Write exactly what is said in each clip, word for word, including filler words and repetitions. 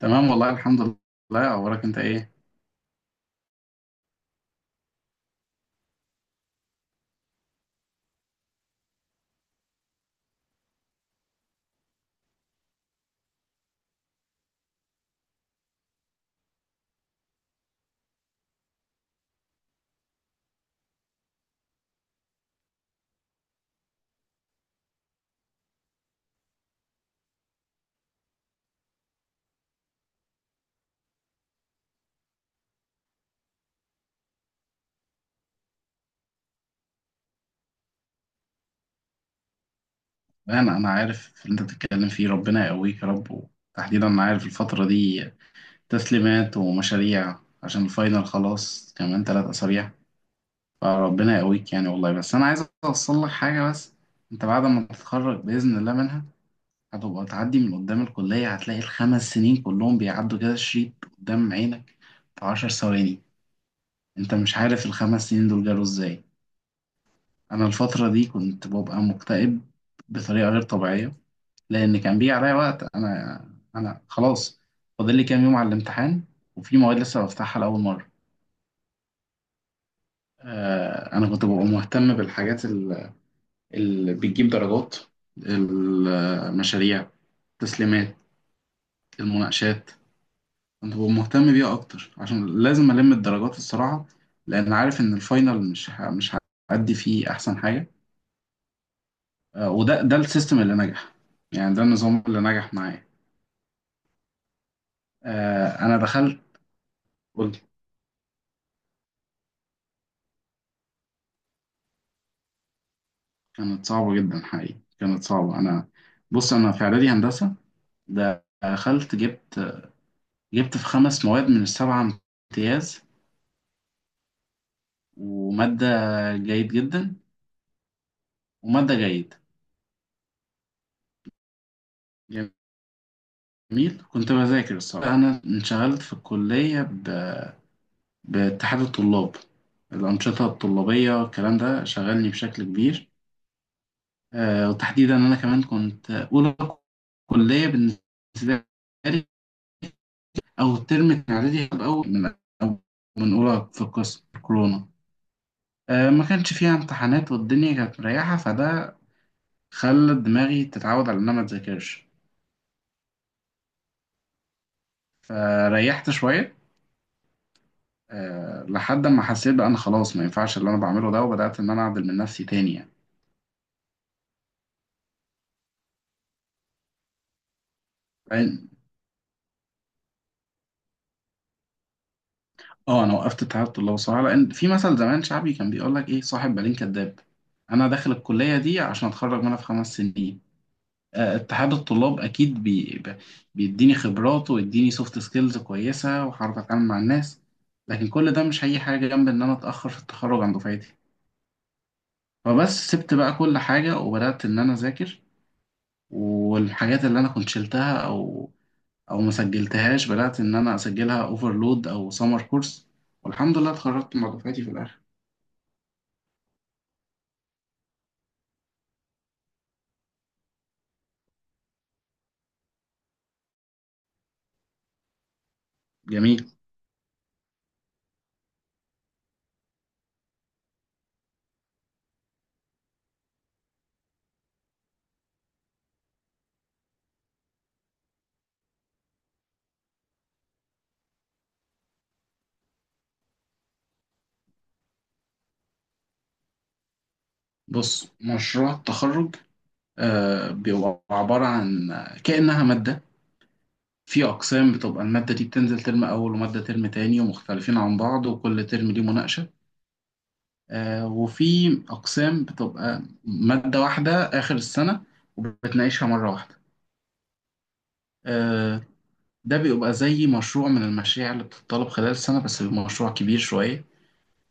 تمام والله الحمد لله. اخبارك انت ايه؟ لا، انا انا عارف اللي انت بتتكلم فيه، ربنا يقويك يا رب. وتحديدا انا عارف الفتره دي، تسليمات ومشاريع عشان الفاينل، خلاص كمان ثلاث اسابيع. فربنا يقويك يعني والله، بس انا عايز اوصل لك حاجه. بس انت بعد ما تتخرج باذن الله منها، هتبقى تعدي من قدام الكليه هتلاقي الخمس سنين كلهم بيعدوا كده شريط قدام عينك في عشر ثواني. انت مش عارف الخمس سنين دول جالوا ازاي. انا الفتره دي كنت ببقى مكتئب بطريقه غير طبيعيه، لان كان بيجي عليا وقت انا انا خلاص، فاضل لي كام يوم على الامتحان وفي مواد لسه بفتحها لاول مره. آه انا كنت ببقى مهتم بالحاجات ال- اللي بتجيب درجات، المشاريع، التسليمات، المناقشات. كنت ببقى مهتم بيها اكتر عشان لازم الم الدرجات الصراحه، لان عارف ان الفاينل مش ه- مش هأدي فيه احسن حاجه. آه وده ده السيستم اللي نجح، يعني ده النظام اللي نجح معايا. آه، انا دخلت قلت كانت صعبه جدا، حقيقي كانت صعبه. انا بص انا في اعدادي هندسه دخلت جبت جبت في خمس مواد من السبعه امتياز، وماده جيد جدا، وماده جيد. جميل. كنت بذاكر الصراحه، انا انشغلت في الكليه ب- باتحاد الطلاب، الانشطه الطلابيه، الكلام ده شغلني بشكل كبير. آه، وتحديدا انا كمان كنت اولى كليه بالنسبه لي، أو الترم كان إعدادي، كان أول من أو من أولى في القسم، كورونا، آه، ما كانش فيها امتحانات والدنيا كانت مريحة، فده خلى دماغي تتعود على إن أنا ما أذاكرش. فريحت شوية. آه، لحد ما حسيت بقى أنا خلاص ما ينفعش اللي أنا بعمله ده، وبدأت إن أنا أعدل من نفسي تاني يعني. لأن- اه انا وقفت تعبت الله، وصراحه لان في مثل زمان شعبي كان بيقول لك ايه، صاحب بالين كداب. انا داخل الكليه دي عشان اتخرج منها في خمس سنين. آه، اتحاد الطلاب اكيد بي ب- بيديني خبرات ويديني سوفت سكيلز كويسه، وهعرف اتعامل مع الناس. لكن كل ده مش هي حاجه جنب ان انا اتاخر في التخرج عن دفعتي. فبس سبت بقى كل حاجه وبدات ان انا اذاكر، والحاجات اللي انا كنت شلتها او او ما سجلتهاش بدات ان انا اسجلها، اوفرلود او سمر كورس. والحمد لله اتخرجت مع دفعتي في الاخر. جميل. بص، مشروع التخرج آه، بيبقى عباره عن كانها ماده. في أقسام بتبقى المادة دي بتنزل ترم أول ومادة ترم تاني، ومختلفين عن بعض وكل ترم ليه مناقشة. آه، وفي أقسام بتبقى مادة واحدة آخر السنة وبتناقشها مرة واحدة. آه، ده بيبقى زي مشروع من المشاريع اللي بتطلب خلال السنة، بس بيبقى مشروع كبير شوية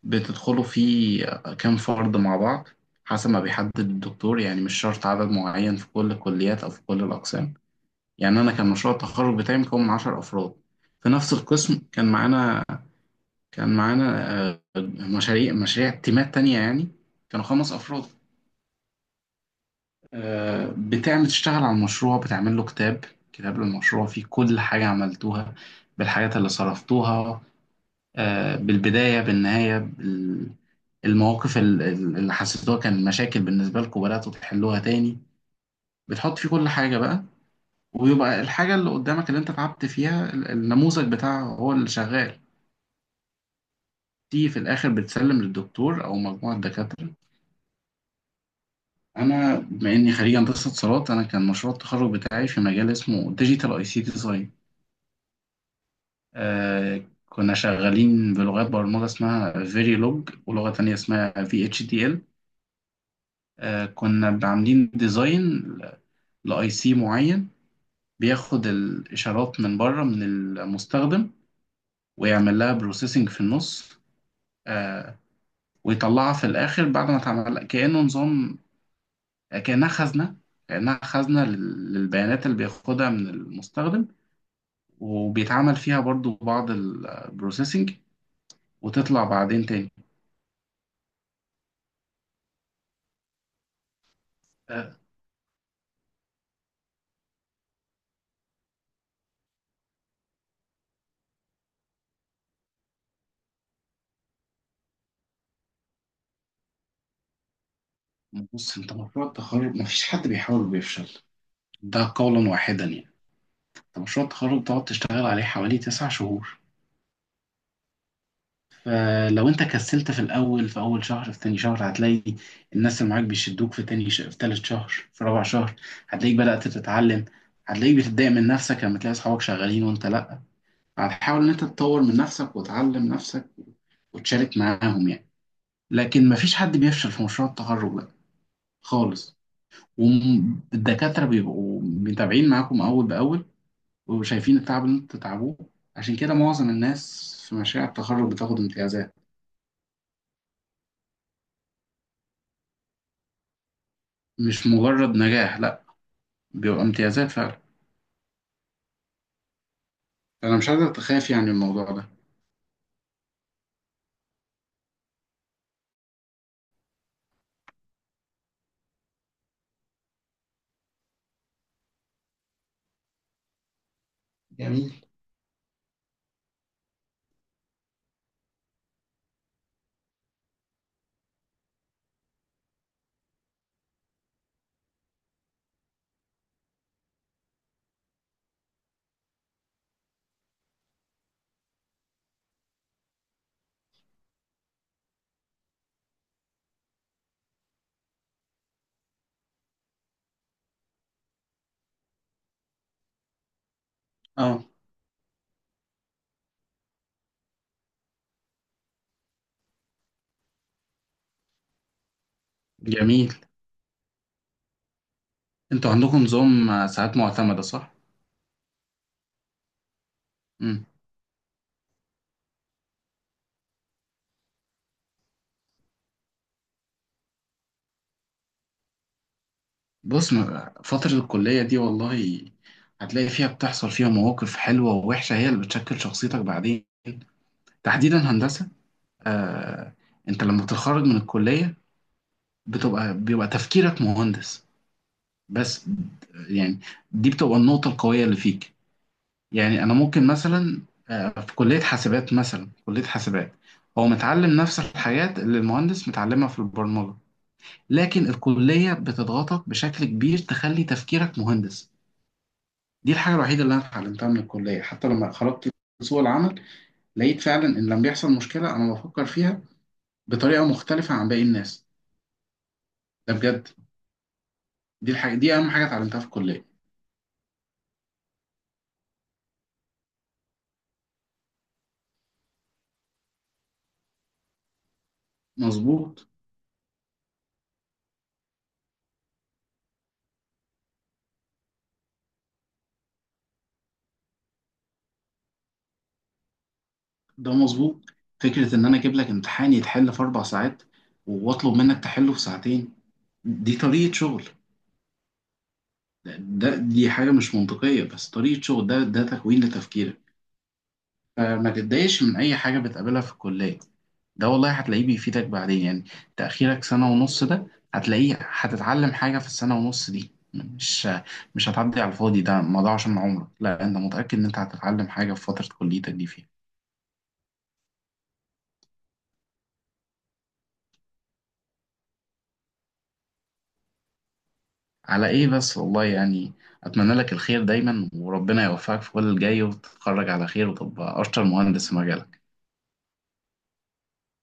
بتدخلوا فيه كام فرد مع بعض حسب ما بيحدد الدكتور، يعني مش شرط عدد معين في كل الكليات أو في كل الأقسام. يعني أنا كان مشروع التخرج بتاعي مكون من عشرة أفراد في نفس القسم. كان معانا كان معانا آه، مشاريع مشاريع تيمات تانية يعني كانوا خمس أفراد. آه، بتعمل تشتغل على المشروع، بتعمل له كتاب كتاب للمشروع فيه كل حاجة عملتوها، بالحاجات اللي صرفتوها، آه، بالبداية بالنهاية بال- المواقف ال- ال- اللي حسيتوها كان مشاكل بالنسبة لكم بدأتوا تحلوها تاني. بتحط فيه كل حاجة بقى، ويبقى الحاجة اللي قدامك اللي انت تعبت فيها ال- النموذج بتاعها هو اللي شغال. تيجي في الآخر بتسلم للدكتور أو مجموعة دكاترة. انا بما اني خريج هندسه اتصالات، انا كان مشروع التخرج بتاعي في مجال اسمه ديجيتال اي سي ديزاين. كنا شغالين بلغات برمجه اسمها فيريلوج، ولغه تانية اسمها في اتش دي ال. كنا عاملين ديزاين لاي سي معين بياخد الاشارات من بره من المستخدم، ويعمل لها بروسيسنج في النص، آه، ويطلعها في الاخر بعد ما اتعمل كانه نظام. كانها خزنه كانها خزنه لل- للبيانات اللي بياخدها من المستخدم، وبيتعمل فيها برضو بعض البروسيسنج وتطلع بعدين تاني. آه، بص، انت مشروع التخرج مفيش حد بيحاول بيفشل، ده قولا واحدا يعني. انت مشروع التخرج بتقعد تشتغل عليه حوالي تسع شهور، فلو انت كسلت في الاول في اول شهر في تاني شهر هتلاقي الناس اللي معاك بيشدوك في تاني شهر في تالت شهر في رابع شهر. هتلاقيك بدأت تتعلم، هتلاقيك بتتضايق من نفسك لما تلاقي اصحابك شغالين وانت لا. هتحاول ان انت تطور من نفسك وتعلم نفسك وتشارك معاهم يعني. لكن مفيش حد بيفشل في مشروع التخرج ده خالص. والدكاترة بيبقوا متابعين معاكم أول بأول، وشايفين التعب اللي انتوا بتتعبوه، عشان كده معظم الناس في مشاريع التخرج بتاخد امتيازات. مش مجرد نجاح، لا، بيبقى امتيازات فعلا. أنا مش قادر أتخاف يعني الموضوع ده. جميل، اه جميل. انتوا عندكم نظام آه، ساعات معتمدة، صح؟ مم. بص، م- فترة الكلية دي والله هتلاقي فيها، بتحصل فيها مواقف حلوة ووحشة، هي اللي بتشكل شخصيتك بعدين، تحديدا هندسة. آه، انت لما بتتخرج من الكلية بتبقى بيبقى تفكيرك مهندس بس، يعني دي بتبقى النقطة القوية اللي فيك. يعني انا ممكن مثلا آه، في كلية حاسبات، مثلا كلية حاسبات هو متعلم نفس الحاجات اللي المهندس متعلمها في البرمجة، لكن الكلية بتضغطك بشكل كبير تخلي تفكيرك مهندس. دي الحاجة الوحيدة اللي انا اتعلمتها من الكلية. حتى لما خرجت سوق العمل لقيت فعلا ان لما بيحصل مشكلة انا بفكر فيها بطريقة مختلفة عن باقي الناس. ده بجد، دي الحاجة دي أهم حاجة اتعلمتها في الكلية. مظبوط. ده مظبوط. فكرة إن أنا أجيب لك امتحان يتحل في أربع ساعات وأطلب منك تحله في ساعتين، دي طريقة شغل. ده, ده دي حاجة مش منطقية، بس طريقة شغل، ده ده تكوين لتفكيرك. فما تتضايقش من أي حاجة بتقابلها في الكلية، ده والله هتلاقيه بيفيدك بعدين يعني. تأخيرك سنة ونص ده هتلاقيه هتتعلم حاجة في السنة ونص دي، مش مش هتعدي على الفاضي، ده ما ضاعش من عمرك، لا، أنت متأكد إن أنت هتتعلم حاجة في فترة كليتك دي فيها. على إيه بس والله يعني، أتمنى لك الخير دايما وربنا يوفقك في كل الجاي وتتخرج على خير وتبقى أشطر مهندس في مجالك.